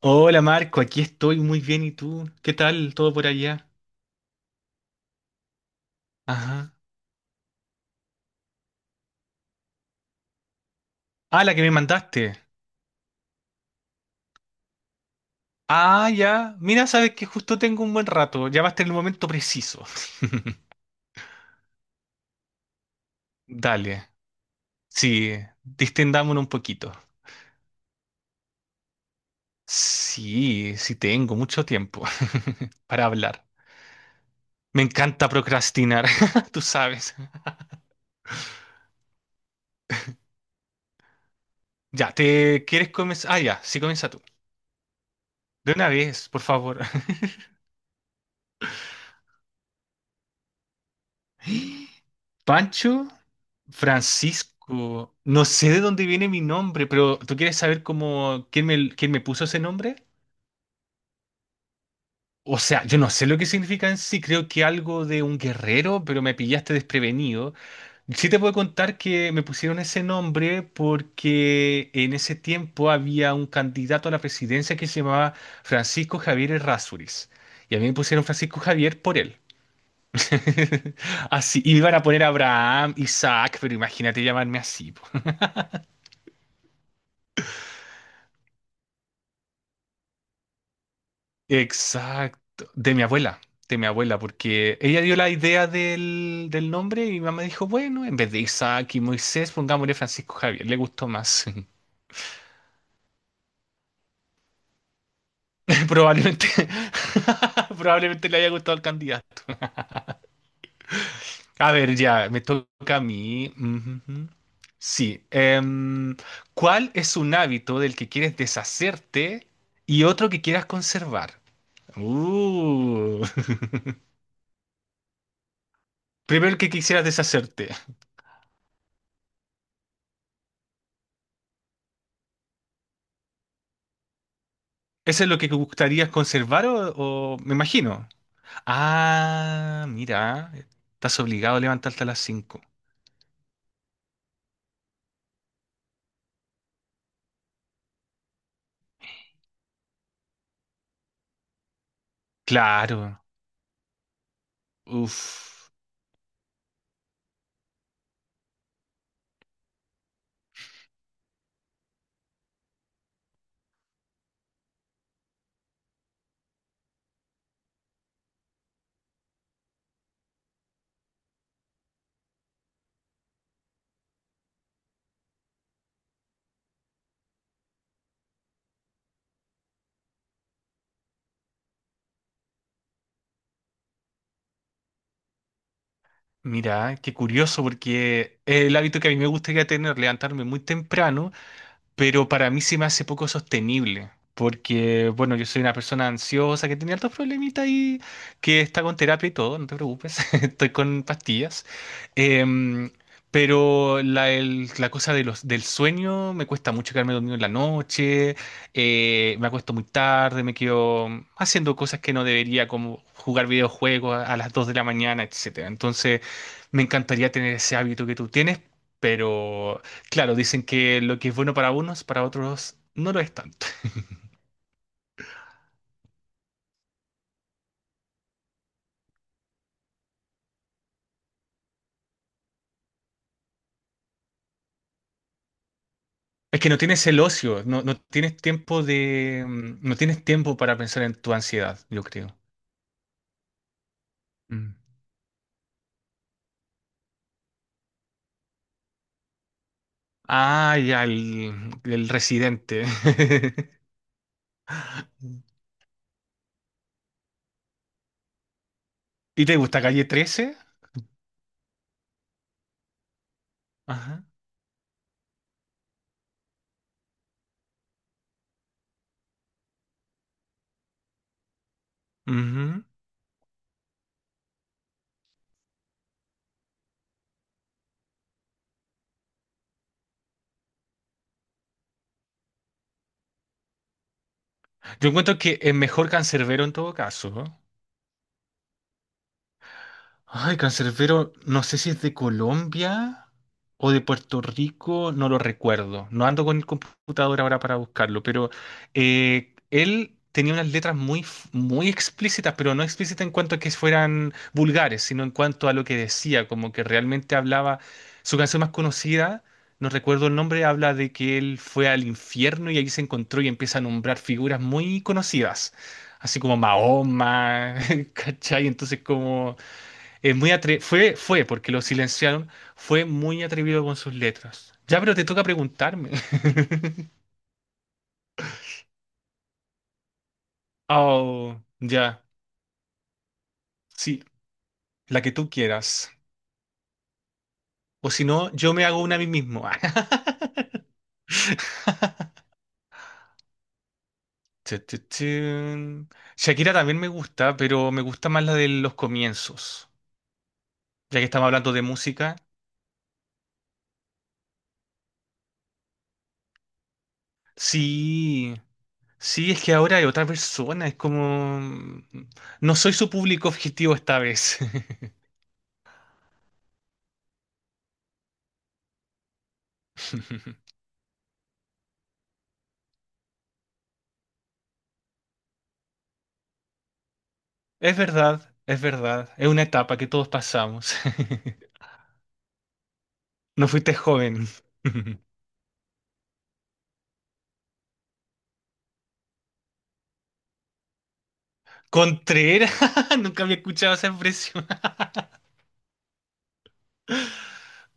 Hola Marco, aquí estoy muy bien. ¿Y tú? ¿Qué tal todo por allá? Ajá. Ah, la que me mandaste. Ah, ya. Mira, sabes que justo tengo un buen rato. Llamaste en el momento preciso. Dale. Sí, distendámonos un poquito. Sí, sí tengo mucho tiempo para hablar. Me encanta procrastinar, tú sabes. Ya, ¿te quieres comenzar? Ah, ya, sí comienza tú. De una vez, por favor. ¿Pancho? Francisco, no sé de dónde viene mi nombre, pero ¿tú quieres saber cómo quién me puso ese nombre? O sea, yo no sé lo que significa en sí, creo que algo de un guerrero, pero me pillaste desprevenido. Sí te puedo contar que me pusieron ese nombre porque en ese tiempo había un candidato a la presidencia que se llamaba Francisco Javier Errázuriz. Y a mí me pusieron Francisco Javier por él. Así, y me iban a poner Abraham, Isaac, pero imagínate llamarme así. Exacto, de mi abuela, porque ella dio la idea del nombre y mi mamá dijo, bueno, en vez de Isaac y Moisés, pongámosle Francisco Javier, le gustó más. Probablemente, probablemente le haya gustado al candidato. A ver, ya, me toca a mí. Ujú, ujú. Sí, ¿cuál es un hábito del que quieres deshacerte y otro que quieras conservar? Uh, primero el que quisieras deshacerte. ¿Eso es lo que gustarías conservar o, me imagino? Ah, mira, estás obligado a levantarte a las 5. Claro. Uf. Mira, qué curioso porque es el hábito que a mí me gustaría tener, levantarme muy temprano, pero para mí se me hace poco sostenible, porque, bueno, yo soy una persona ansiosa que tiene altos problemitas y que está con terapia y todo, no te preocupes, estoy con pastillas. Em, pero la cosa de del sueño, me cuesta mucho quedarme dormido en la noche, me acuesto muy tarde, me quedo haciendo cosas que no debería, como jugar videojuegos a las 2 de la mañana, etcétera. Entonces, me encantaría tener ese hábito que tú tienes, pero claro, dicen que lo que es bueno para unos, para otros no lo es tanto. Es que no tienes el ocio, no, no tienes tiempo de, no tienes tiempo para pensar en tu ansiedad, yo creo. Mm. Ah, ya, el residente. ¿Y te gusta Calle 13? Ajá. Ujú. Yo encuentro que es mejor Cancerbero en todo caso, ¿no? Ay, Cancerbero, no sé si es de Colombia o de Puerto Rico, no lo recuerdo. No ando con el computador ahora para buscarlo, pero él tenía unas letras muy, muy explícitas, pero no explícitas en cuanto a que fueran vulgares, sino en cuanto a lo que decía, como que realmente hablaba. Su canción más conocida, no recuerdo el nombre, habla de que él fue al infierno y allí se encontró y empieza a nombrar figuras muy conocidas, así como Mahoma, ¿cachai? Entonces como... Es muy fue, porque lo silenciaron, fue muy atrevido con sus letras. Ya, pero te toca preguntarme. Oh, ya. Sí, la que tú quieras. O si no, yo me hago una a mí mismo. Tu, tu, tu. Shakira también me gusta, pero me gusta más la de los comienzos. Ya que estamos hablando de música. Sí, sí, es que ahora hay otra persona. Es como... no soy su público objetivo esta vez. Es verdad, es verdad. Es una etapa que todos pasamos. No fuiste joven. Contreras, nunca había escuchado esa expresión.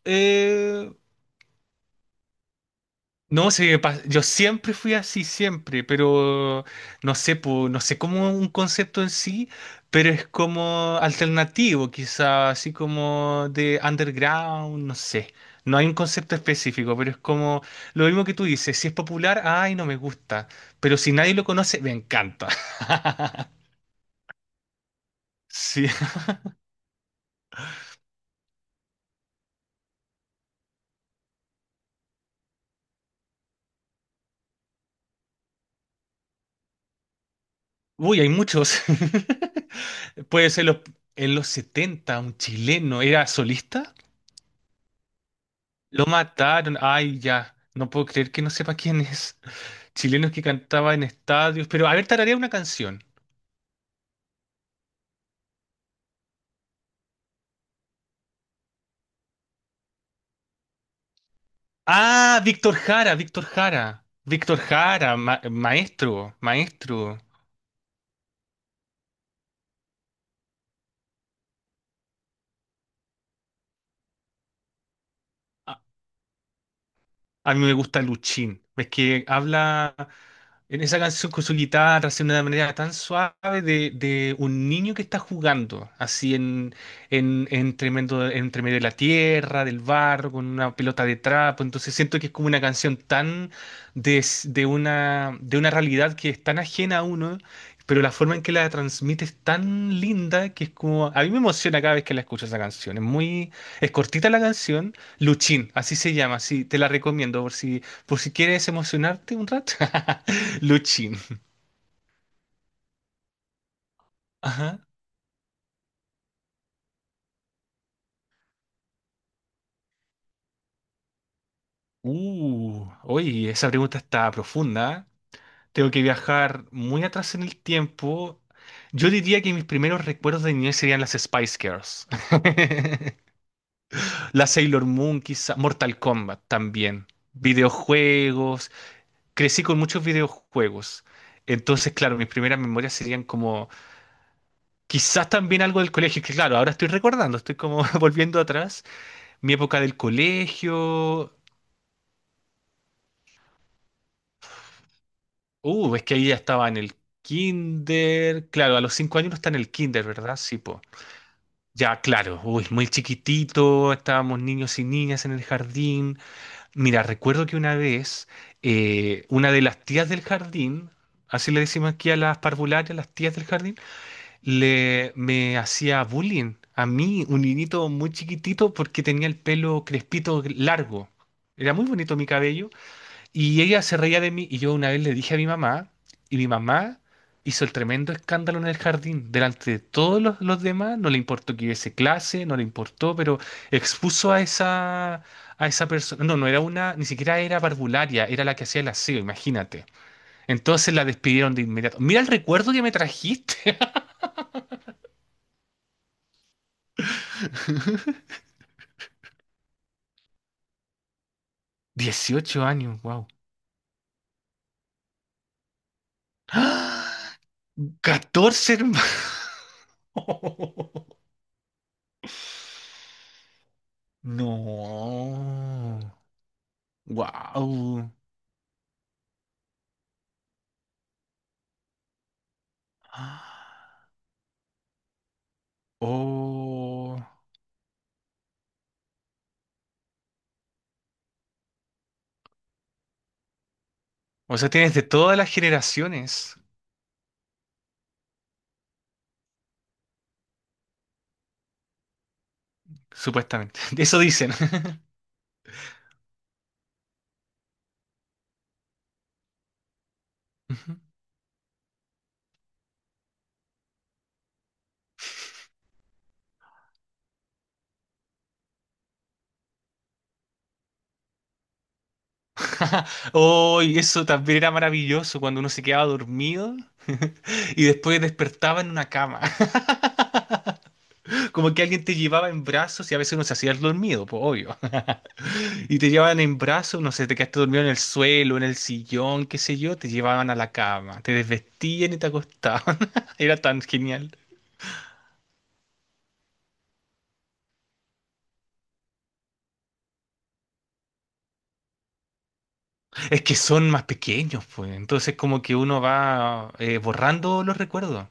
Eh, no, yo siempre fui así, siempre, pero no sé, po, no sé cómo un concepto en sí, pero es como alternativo, quizá, así como de underground, no sé. No hay un concepto específico, pero es como lo mismo que tú dices, si es popular, ay, no me gusta, pero si nadie lo conoce, me encanta. Sí. Uy, hay muchos. Puede ser los, en los 70 un chileno, ¿era solista? Lo mataron, ay, ya. No puedo creer que no sepa quién es. Chilenos que cantaba en estadios. Pero a ver, tararea una canción. Ah, Víctor Jara, Víctor Jara. Víctor Jara, maestro, maestro. A, a mí me gusta Luchín. Es que habla. En esa canción con su guitarra, haciendo de una manera tan suave de un niño que está jugando, así en tremendo, entre medio de la tierra, del barro, con una pelota de trapo. Entonces siento que es como una canción tan de, de una realidad que es tan ajena a uno, pero la forma en que la transmite es tan linda que es como. A mí me emociona cada vez que la escucho esa canción. Es muy. Es cortita la canción. Luchín, así se llama, sí, te la recomiendo por si quieres emocionarte un rato. Luchin. Ajá. Oye, esa pregunta está profunda, ¿eh? Tengo que viajar muy atrás en el tiempo. Yo diría que mis primeros recuerdos de niñez serían las Spice Girls. La Sailor Moon, quizá. Mortal Kombat también. Videojuegos. Crecí con muchos videojuegos. Entonces, claro, mis primeras memorias serían como. Quizás también algo del colegio, que claro, ahora estoy recordando, estoy como volviendo atrás. Mi época del colegio, uh, es que ahí ya estaba en el kinder. Claro, a los 5 años uno está en el kinder, ¿verdad? Sí, po. Ya, claro. Uy, muy chiquitito. Estábamos niños y niñas en el jardín. Mira, recuerdo que una vez una de las tías del jardín, así le decimos aquí a las parvularias, las tías del jardín, le me hacía bullying a mí, un niñito muy chiquitito, porque tenía el pelo crespito largo. Era muy bonito mi cabello y ella se reía de mí y yo una vez le dije a mi mamá y mi mamá hizo el tremendo escándalo en el jardín. Delante de todos los demás, no le importó que hubiese clase, no le importó, pero expuso a esa persona. No, no era una, ni siquiera era parvularia, era la que hacía el aseo, imagínate. Entonces la despidieron de inmediato. Mira el recuerdo que me trajiste. 18 años, wow. 14 hermanos. No. Wow. Ah. Oh. O sea, tienes de todas las generaciones, supuestamente. Eso dicen. Ujú. Oh, y eso también era maravilloso cuando uno se quedaba dormido y después despertaba en una cama. Como que alguien te llevaba en brazos y a veces uno se hacía el dormido, pues obvio. Y te llevaban en brazos, no sé, te quedaste dormido en el suelo, en el sillón, qué sé yo, te llevaban a la cama, te desvestían y te acostaban. Era tan genial. Es que son más pequeños, pues. Entonces como que uno va borrando los recuerdos.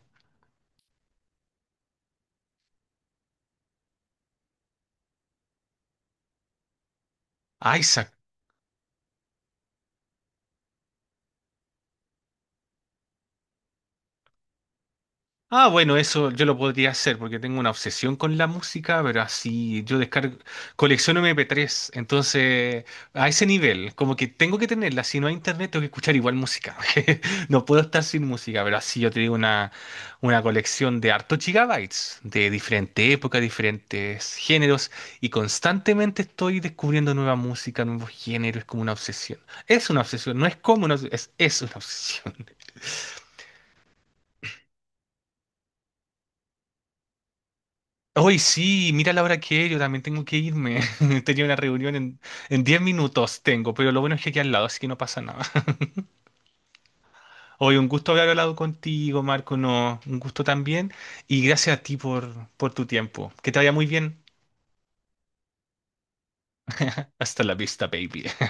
Isaac. Ah, bueno, eso yo lo podría hacer porque tengo una obsesión con la música, pero así yo descargo, colecciono MP3, entonces a ese nivel, como que tengo que tenerla, si no hay internet tengo que escuchar igual música, no puedo estar sin música, pero así yo te digo una colección de hartos gigabytes, de diferente época, diferentes géneros, y constantemente estoy descubriendo nueva música, nuevos géneros, es como una obsesión. Es una obsesión, no es como una obsesión, es una obsesión. Hoy sí, mira la hora que es, yo también tengo que irme. Tenía una reunión en 10 minutos, tengo, pero lo bueno es que aquí al lado, así que no pasa nada. Hoy un gusto haber hablado contigo, Marco, no, un gusto también. Y gracias a ti por tu tiempo. Que te vaya muy bien. Hasta la vista, baby.